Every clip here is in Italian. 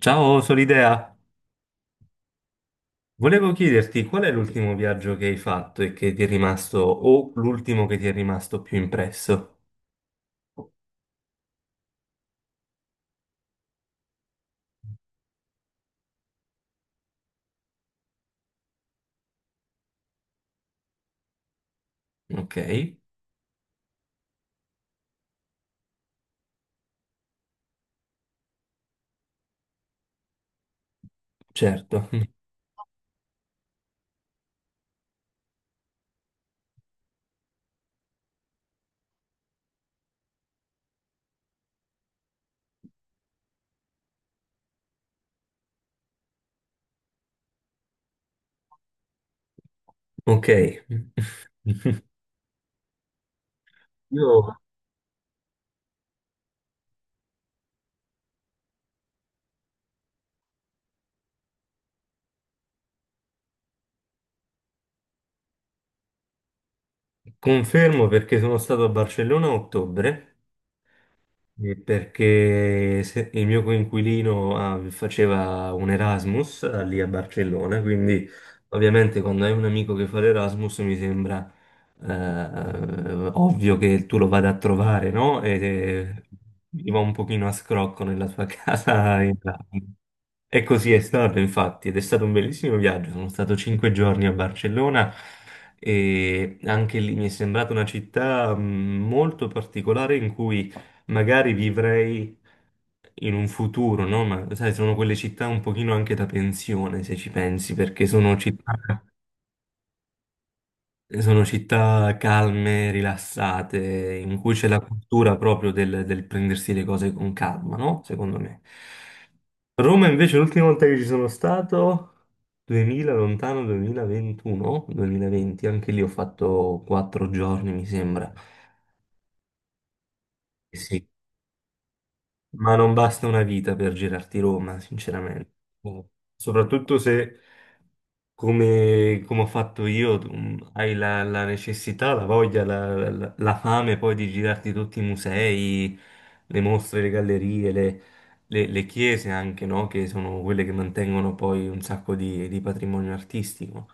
Ciao, Solidea. Volevo chiederti qual è l'ultimo viaggio che hai fatto e che ti è rimasto, o l'ultimo che ti è rimasto più impresso? Ok, certo. Ok. Io confermo perché sono stato a Barcellona a ottobre. Perché il mio coinquilino faceva un Erasmus lì a Barcellona, quindi ovviamente quando hai un amico che fa l'Erasmus mi sembra ovvio che tu lo vada a trovare, no? E gli va un pochino a scrocco nella tua casa in Erasmus. E così è stato, infatti, ed è stato un bellissimo viaggio. Sono stato 5 giorni a Barcellona e anche lì mi è sembrata una città molto particolare in cui magari vivrei in un futuro, no? Ma sai, sono quelle città un pochino anche da pensione, se ci pensi, perché sono città calme, rilassate, in cui c'è la cultura proprio del prendersi le cose con calma, no? Secondo me. Roma invece l'ultima volta che ci sono stato, 2000, lontano 2021, 2020, anche lì ho fatto 4 giorni, mi sembra. Sì, ma non basta una vita per girarti Roma, sinceramente. Eh, Soprattutto se, come ho fatto io, tu, hai la necessità, la voglia, la fame poi di girarti tutti i musei, le mostre, le gallerie, le chiese anche, no? Che sono quelle che mantengono poi un sacco di patrimonio artistico.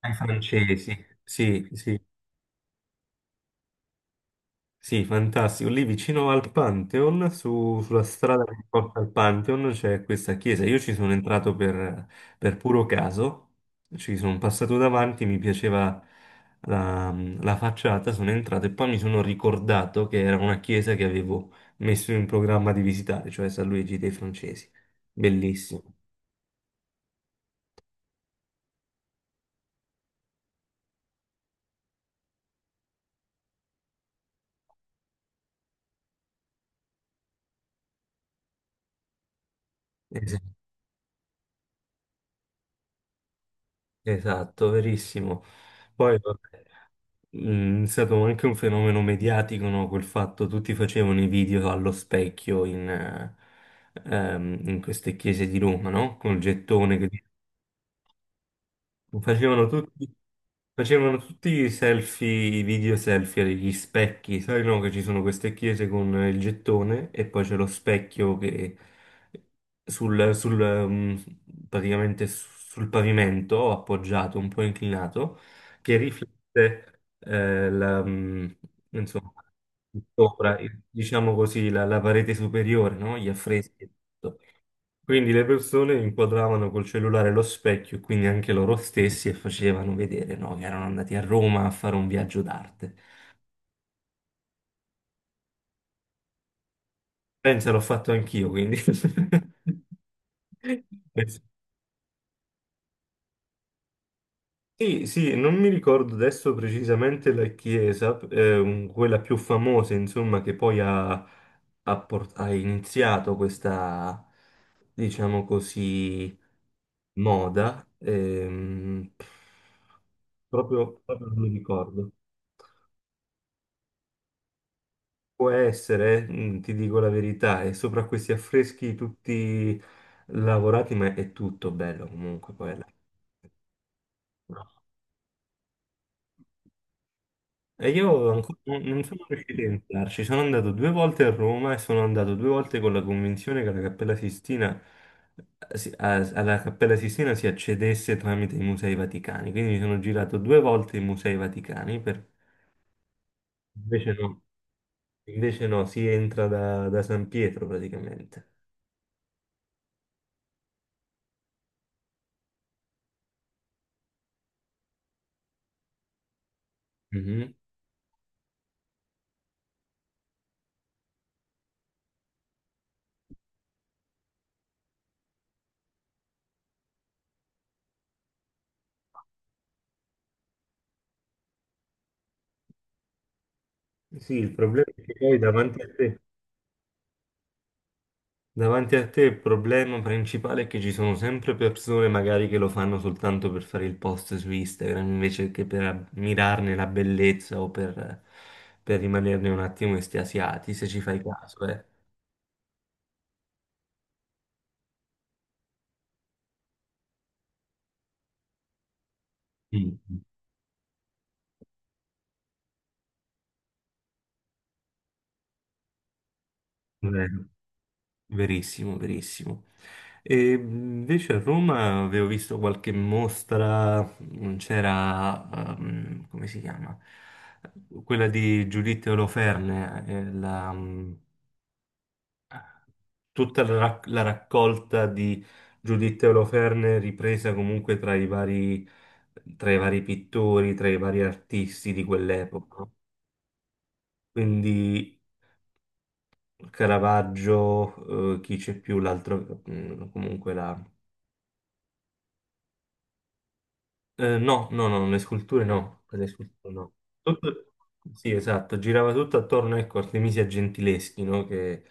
Ai francesi, sì, sì. Sì, fantastico. Lì vicino al Pantheon, sulla strada che porta al Pantheon, c'è questa chiesa. Io ci sono entrato per puro caso, ci sono passato davanti, mi piaceva la, la facciata, sono entrato e poi mi sono ricordato che era una chiesa che avevo messo in programma di visitare, cioè San Luigi dei Francesi. Bellissimo. Es- Esatto, verissimo. Poi vabbè. È stato anche un fenomeno mediatico, no? Quel fatto, tutti facevano i video allo specchio in queste chiese di Roma, no? Col gettone che. Facevano tutti, facevano tutti i selfie, i video selfie agli specchi, sai no? Che ci sono queste chiese con il gettone e poi c'è lo specchio che sul, sul, um, praticamente sul pavimento appoggiato, un po' inclinato, che riflette insomma, sopra, diciamo così, la parete superiore, no? Gli affreschi. Quindi le persone inquadravano col cellulare lo specchio, quindi anche loro stessi, e facevano vedere, no, che erano andati a Roma a fare un viaggio d'arte. Pensa, l'ho fatto anch'io, quindi. Sì, sì, non mi ricordo adesso precisamente la chiesa, quella più famosa, insomma, che poi ha iniziato questa, diciamo così, moda. Proprio non mi ricordo. Può essere, ti dico la verità, e sopra questi affreschi tutti lavorati, ma è tutto bello comunque quella. E io ancora non sono riuscito a entrarci, sono andato due volte a Roma e sono andato due volte con la convinzione che la Cappella Sistina, alla Cappella Sistina si accedesse tramite i Musei Vaticani, quindi mi sono girato due volte i Musei Vaticani, invece no, si entra da San Pietro praticamente. Sì, il problema è che poi davanti a te, il problema principale è che ci sono sempre persone magari che lo fanno soltanto per fare il post su Instagram invece che per mirarne la bellezza o per rimanerne un attimo estasiati, se ci fai caso, eh. Mm. Vero. Verissimo, verissimo. E invece a Roma avevo visto qualche mostra, c'era, come si chiama? Quella di Giuditta Oloferne, tutta la raccolta di Giuditta Oloferne ripresa comunque tra i vari, pittori, tra i vari artisti di quell'epoca. Quindi Caravaggio, chi c'è più, l'altro, comunque. No, no, no, le sculture no, le sculture no. Tutto- sì, esatto, girava tutto attorno, ecco, Artemisia Gentileschi, no?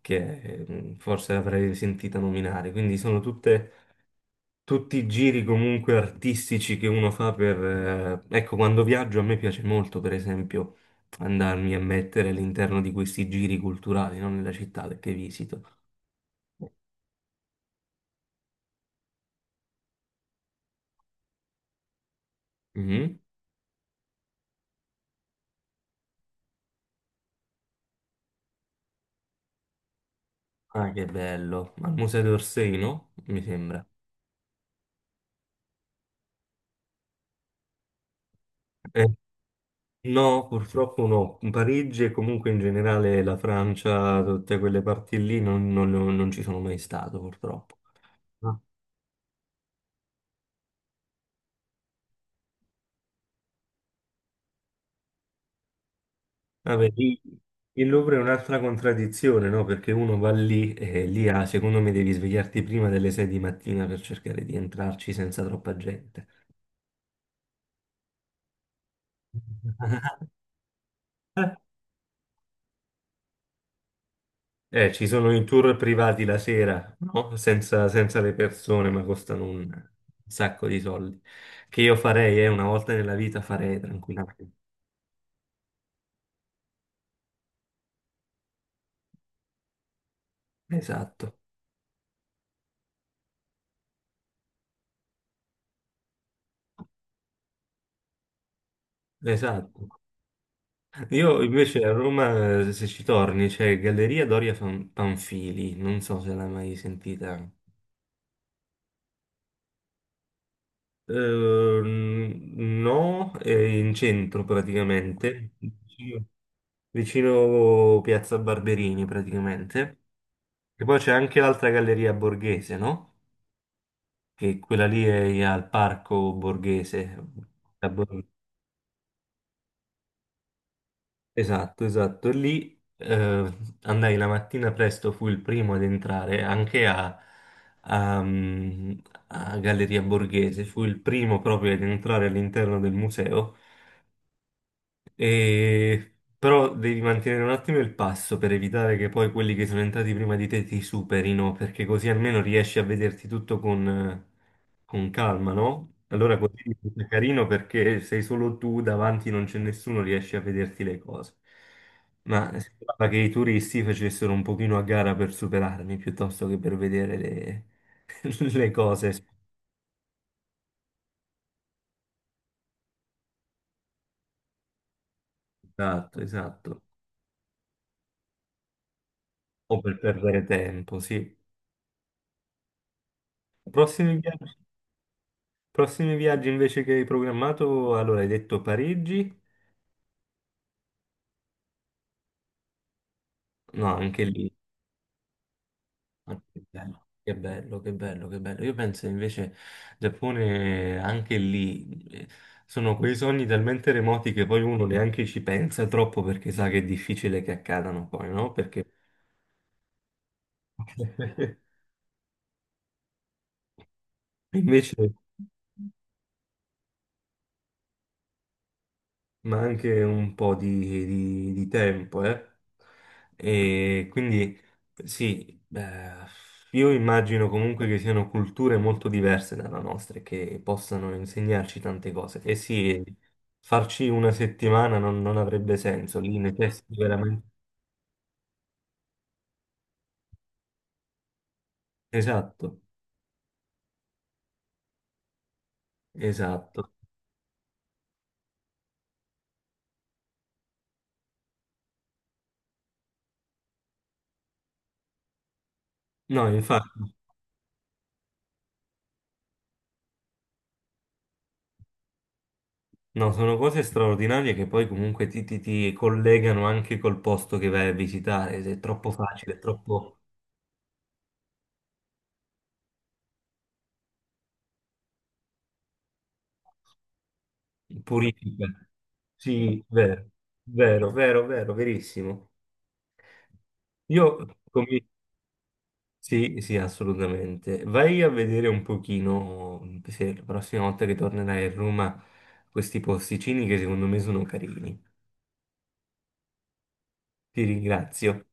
che, Forse avrei sentita nominare, quindi sono tutti i giri comunque artistici che uno fa per. Ecco, quando viaggio a me piace molto, per esempio, andarmi a mettere all'interno di questi giri culturali, non nella città che visito. Mhm. Ah, che bello, al Museo d'Orsay, no? Mi sembra. Eh, No, purtroppo no. Parigi e comunque in generale la Francia, tutte quelle parti lì non ci sono mai stato, purtroppo. Ah, vabbè, il Louvre è un'altra contraddizione, no? Perché uno va lì e lì, ah, secondo me, devi svegliarti prima delle 6 di mattina per cercare di entrarci senza troppa gente. Ci sono i tour privati la sera, no? Senza le persone, ma costano un sacco di soldi. Che io farei, una volta nella vita farei tranquillamente. Esatto, esatto. Io invece a Roma, se ci torni, c'è Galleria Doria Panfili, non so se l'hai mai sentita. No, è in centro praticamente, vicino, Piazza Barberini praticamente. E poi c'è anche l'altra Galleria Borghese, no? Che quella lì è al Parco Borghese. Esatto, esatto. E lì, andai la mattina presto, fui il primo ad entrare anche a, mm, a Galleria Borghese, fui il primo proprio ad entrare all'interno del museo e- Però devi mantenere un attimo il passo per evitare che poi quelli che sono entrati prima di te ti superino, perché così almeno riesci a vederti tutto con calma, no? Allora così è carino perché sei solo tu, davanti non c'è nessuno, riesci a vederti le cose. Ma sembrava che i turisti facessero un pochino a gara per superarmi piuttosto che per vedere le, le cose. Esatto, esatto. O per perdere tempo, sì. Prossimi viaggi? Prossimi viaggi invece che hai programmato, allora hai detto Parigi? No, anche lì. Ah, che bello, che bello, che bello, che bello. Io penso invece Giappone anche lì sono quei sogni talmente remoti che poi uno neanche ci pensa troppo perché sa che è difficile che accadano poi, no? Perché invece ma anche un po' di tempo, eh. E quindi sì, beh, io immagino comunque che siano culture molto diverse dalla nostra e che possano insegnarci tante cose. E sì, farci una settimana non avrebbe senso, lì necessiti veramente. Esatto, esatto. No, infatti, no, sono cose straordinarie che poi comunque ti collegano anche col posto che vai a visitare, se è troppo facile, è troppo purifica. Sì, vero, vero, vero, vero, verissimo. Io, sì, sì, assolutamente. Vai a vedere un pochino, se la prossima volta che tornerai a Roma, questi posticini che secondo me sono carini. Ti ringrazio.